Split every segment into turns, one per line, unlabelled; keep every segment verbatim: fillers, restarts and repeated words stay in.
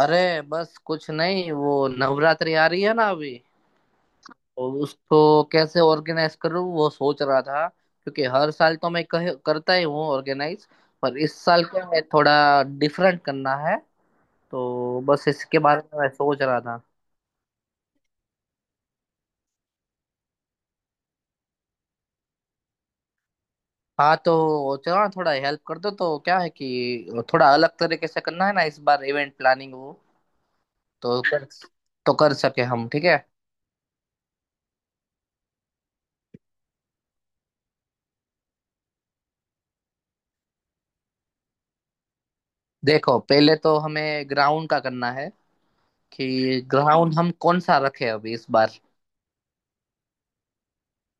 अरे, बस कुछ नहीं वो नवरात्रि आ रही है ना अभी। और उसको कैसे ऑर्गेनाइज करूँ वो सोच रहा था क्योंकि हर साल तो मैं कह, करता ही हूँ ऑर्गेनाइज। पर इस साल को मैं थोड़ा डिफरेंट करना है, तो बस इसके बारे में मैं सोच रहा था। हाँ तो चलो ना थोड़ा हेल्प कर दो। तो क्या है कि थोड़ा अलग तरीके से करना है ना इस बार इवेंट प्लानिंग, वो तो कर तो कर सके हम, ठीक है। देखो पहले तो हमें ग्राउंड का करना है कि ग्राउंड हम कौन सा रखे अभी इस बार।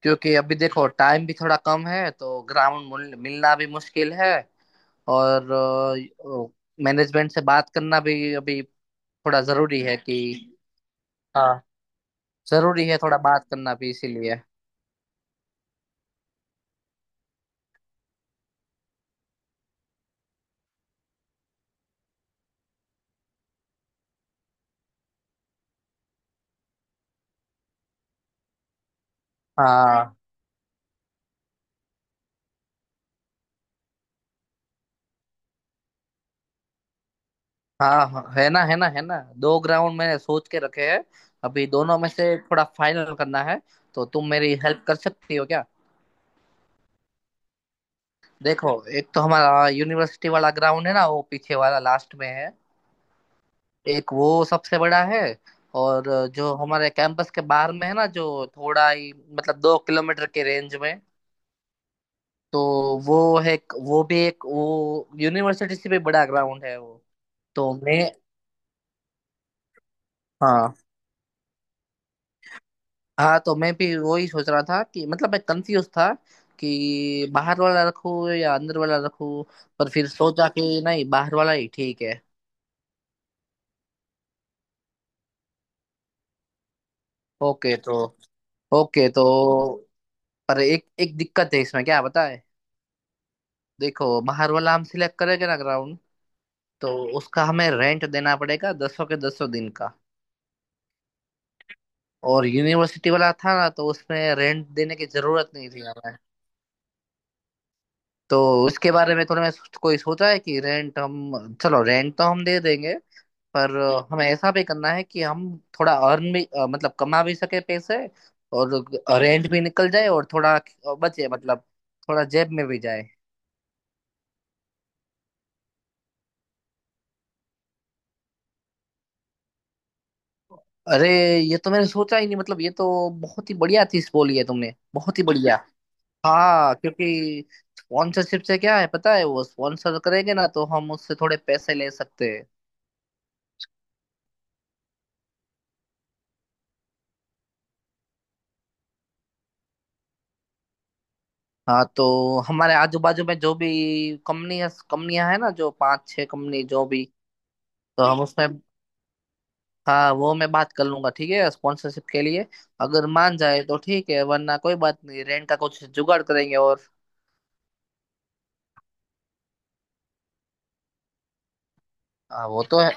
क्योंकि अभी देखो टाइम भी थोड़ा कम है तो ग्राउंड मिलना भी मुश्किल है। और मैनेजमेंट से बात करना भी अभी थोड़ा जरूरी है कि हाँ, जरूरी है थोड़ा बात करना भी इसीलिए। हाँ हाँ हाँ, है ना है ना है ना। दो ग्राउंड मैंने सोच के रखे हैं। अभी दोनों में से थोड़ा फाइनल करना है, तो तुम मेरी हेल्प कर सकती हो क्या। देखो, एक तो हमारा यूनिवर्सिटी वाला ग्राउंड है ना, वो पीछे वाला लास्ट में है। एक वो सबसे बड़ा है। और जो हमारे कैंपस के बाहर में है ना, जो थोड़ा ही मतलब दो किलोमीटर के रेंज में। तो वो है एक- वो भी एक वो यूनिवर्सिटी से भी बड़ा ग्राउंड है वो। तो मैं हाँ हाँ, तो मैं भी वही सोच रहा था कि मतलब मैं कंफ्यूज था कि बाहर वाला रखूँ या अंदर वाला रखूँ। पर फिर सोचा कि नहीं, बाहर वाला ही ठीक है। ओके तो ओके तो, पर एक एक दिक्कत है इसमें, क्या बताए। देखो, बाहर वाला हम सिलेक्ट करेंगे ना ग्राउंड, तो उसका हमें रेंट देना पड़ेगा दस सौ के, दस सौ दिन का। और यूनिवर्सिटी वाला था ना तो उसमें रेंट देने की जरूरत नहीं थी हमें। तो उसके बारे में थोड़ा मैं कोई सोचा है कि रेंट हम, चलो रेंट तो हम दे देंगे। पर हमें ऐसा भी करना है कि हम थोड़ा अर्न भी अ, मतलब कमा भी सके पैसे। और रेंट भी निकल जाए और थोड़ा बचे, मतलब थोड़ा जेब में भी जाए। अरे, ये तो मैंने सोचा ही नहीं। मतलब ये तो बहुत ही बढ़िया चीज बोली है तुमने, बहुत ही बढ़िया। हाँ क्योंकि स्पॉन्सरशिप से क्या है पता है, वो स्पॉन्सर करेंगे ना तो हम उससे थोड़े पैसे ले सकते हैं। हाँ तो हमारे आजू बाजू में जो भी कंपनियां कंपनियां है ना, जो पांच छह कंपनी जो भी। तो हम उसमें, हाँ वो मैं बात कर लूंगा, ठीक है, स्पॉन्सरशिप के लिए। अगर मान जाए तो ठीक है, वरना कोई बात नहीं, रेंट का कुछ जुगाड़ करेंगे। और हाँ, वो तो है।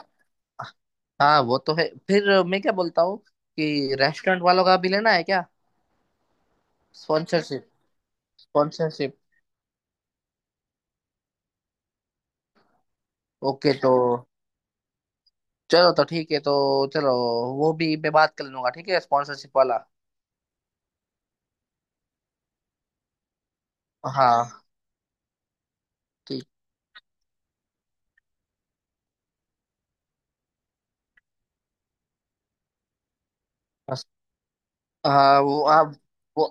हाँ वो तो है। फिर मैं क्या बोलता हूँ कि रेस्टोरेंट वालों का भी लेना है क्या। स्पॉन्सरशिप। स्पॉन्सरशिप। ओके तो चलो, तो ठीक है, तो चलो वो भी मैं बात कर लूंगा, ठीक है, स्पॉन्सरशिप वाला। हाँ, ठीक। बस हाँ वो आप वो,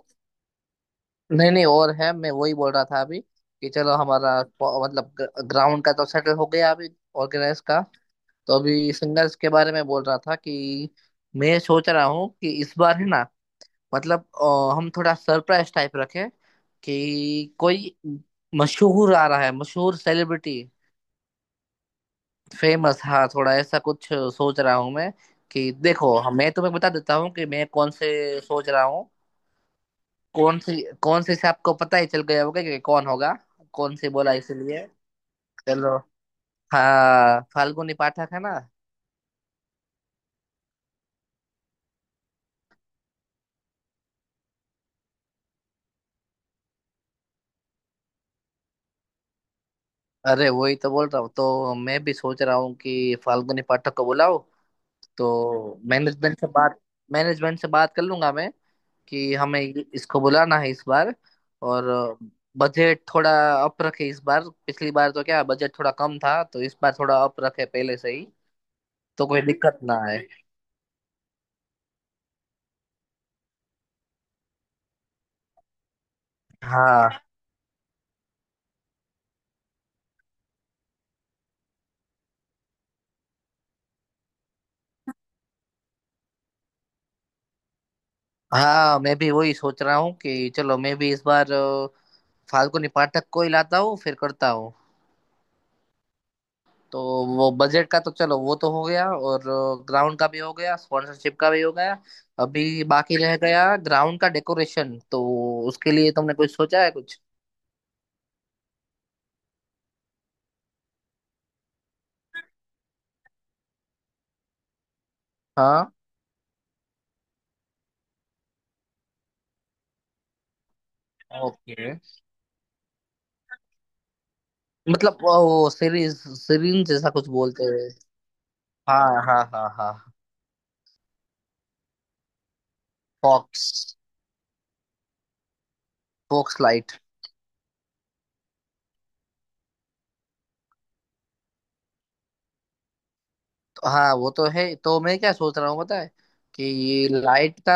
नहीं नहीं, और है, मैं वही बोल रहा था अभी कि चलो हमारा प- मतलब ग्राउंड का तो सेटल हो गया अभी, ऑर्गेनाइज का। तो अभी सिंगर्स के बारे में बोल रहा था कि मैं सोच रहा हूँ कि इस बार है ना, मतलब अ, हम थोड़ा सरप्राइज टाइप रखें कि कोई मशहूर आ रहा है, मशहूर सेलिब्रिटी। फेमस, हाँ, थोड़ा ऐसा कुछ सोच रहा हूँ मैं। कि देखो हम- मैं तुम्हें बता देता हूँ कि मैं कौन से सोच रहा हूँ। कौन सी। कौन सी से आपको पता ही चल गया होगा कि कौन होगा। कौन सी बोला इसलिए। चलो, हाँ, फाल्गुनी पाठक है ना। अरे वही तो बोल रहा हूँ, तो मैं भी सोच रहा हूँ कि फाल्गुनी पाठक को बुलाओ। तो मैनेजमेंट से बात मैनेजमेंट से बात कर लूंगा मैं कि हमें इसको बुलाना है इस बार। और बजट थोड़ा अप रखे इस बार, पिछली बार तो क्या बजट थोड़ा कम था, तो इस बार थोड़ा अप रखे पहले से ही, तो कोई दिक्कत ना आए। हाँ हाँ, मैं भी वही सोच रहा हूँ कि चलो मैं भी इस बार अ, फाल्गुनी पाठक को ही लाता हूँ, फिर करता हूँ। तो वो बजट का तो चलो वो तो हो गया, और ग्राउंड का भी हो गया, स्पॉन्सरशिप का भी हो गया। अभी बाकी रह गया ग्राउंड का डेकोरेशन, तो उसके लिए तुमने कुछ सोचा है कुछ। हाँ ओके, मतलब वो सीरीज सीरीन जैसा कुछ बोलते हैं। हाँ हाँ हाँ हाँ। फॉक्स। Focus light. हाँ वो तो है। तो मैं क्या सोच रहा हूँ पता है, कि ये लाइट का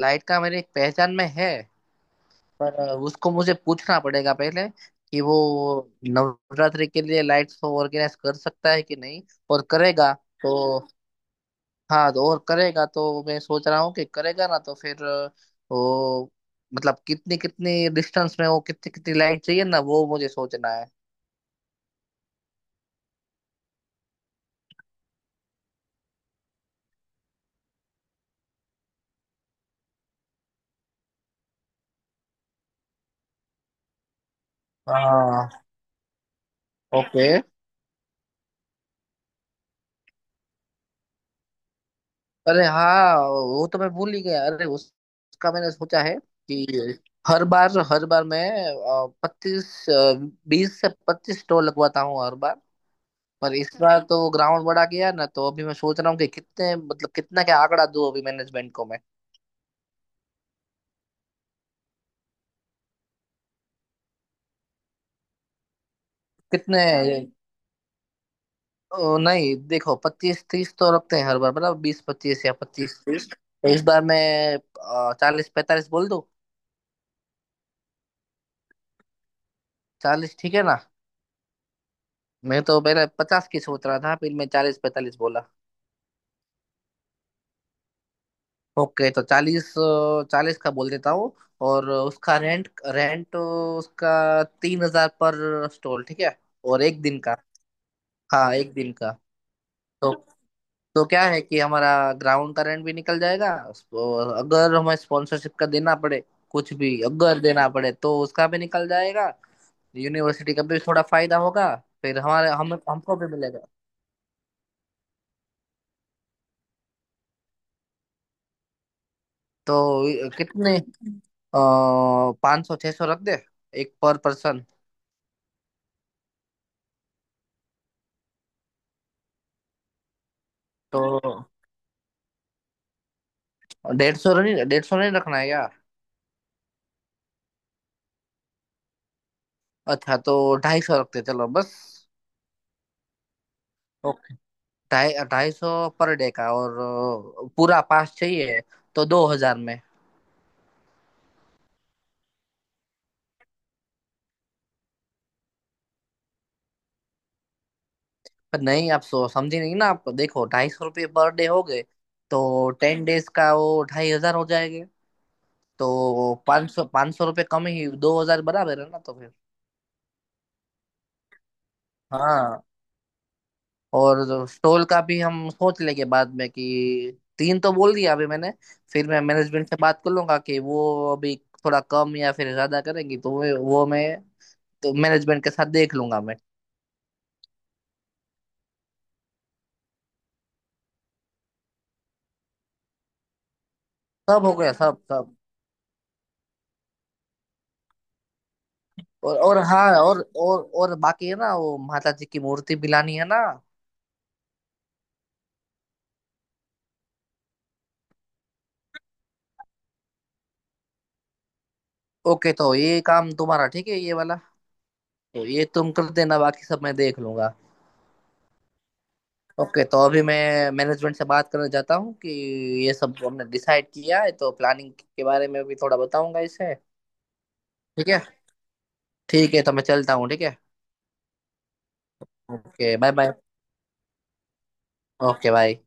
लाइट का मेरे एक पहचान में है। पर उसको मुझे पूछना पड़ेगा पहले कि वो नवरात्रि के लिए लाइट्स को ऑर्गेनाइज कर सकता है कि नहीं, और करेगा। तो हाँ, तो और करेगा तो मैं सोच रहा हूँ कि करेगा ना तो फिर अ, वो, मतलब कितनी कितनी डिस्टेंस में वो कितनी कितनी लाइट चाहिए ना, वो मुझे सोचना है। हाँ, ओके। अरे हाँ, वो तो मैं भूल ही गया। अरे उस, उसका मैंने सोचा है कि हर बार, हर बार मैं पच्चीस बीस से पच्चीस स्टॉल लगवाता हूँ हर बार। पर इस बार तो ग्राउंड बड़ा गया ना, तो अभी मैं सोच रहा हूँ कि कितने, मतलब कितना क्या आंकड़ा दूं अभी मैनेजमेंट को मैं। कितने, ओ, नहीं देखो, पच्चीस तीस तो रखते हैं हर बार बराबर, बीस पच्चीस या पच्चीस तीस, तो इस बार मैं चालीस पैंतालीस बोल दूं। चालीस ठीक है ना। मैं तो पहले पचास की सोच रहा था, फिर मैं चालीस पैंतालीस बोला। ओके तो चालीस, चालीस का बोल देता हूँ। और उसका रेंट रेंट उसका तीन हजार पर स्टॉल, ठीक है, और एक दिन का। हाँ, एक दिन का। तो तो क्या है कि हमारा ग्राउंड का रेंट भी निकल जाएगा। और अगर हमें स्पॉन्सरशिप का देना पड़े, कुछ भी अगर देना पड़े, तो उसका भी निकल जाएगा। यूनिवर्सिटी का भी थोड़ा फायदा होगा। फिर हमारे हम हमको भी मिलेगा। तो कितने, पाँच सौ छह सौ रख दे एक पर पर्सन। तो डेढ़ सौ नहीं, डेढ़ सौ नहीं रखना है यार। अच्छा तो ढाई सौ रखते हैं, चलो बस। ओके, ढाई ढाई सौ पर डे का, और अ, पूरा पास चाहिए तो दो हजार में। पर नहीं, आप सो समझे नहीं ना आप। देखो, ढाई सौ रुपये पर डे हो गए। तो टेन डेज का वो ढाई हजार हो जाएंगे। तो पाँच सौ, पाँच सौ रुपये कम ही दो हजार, बराबर है ना, तो फिर हाँ। और स्टॉल का भी हम सोच लेंगे बाद में कि तीन तो बोल दिया अभी मैंने। फिर मैं मैनेजमेंट से बात कर लूंगा कि वो अभी थोड़ा कम या फिर ज्यादा करेंगी तो वो वो मैं, तो मैनेजमेंट के साथ देख लूंगा मैं। सब हो गया, सब सब। और और हाँ, और और और बाकी है ना वो माता जी की मूर्ति भी लानी है ना। ओके तो ये काम तुम्हारा, ठीक है ये वाला, तो ये तुम कर देना, बाकी सब मैं देख लूंगा। ओके तो अभी मैं मैनेजमेंट से बात करने जाता हूँ कि ये सब हमने डिसाइड किया है, तो प्लानिंग के बारे में भी थोड़ा बताऊंगा इसे। ठीक है। ठीक है, तो मैं चलता हूँ, ठीक है। Okay bye bye. Okay bye.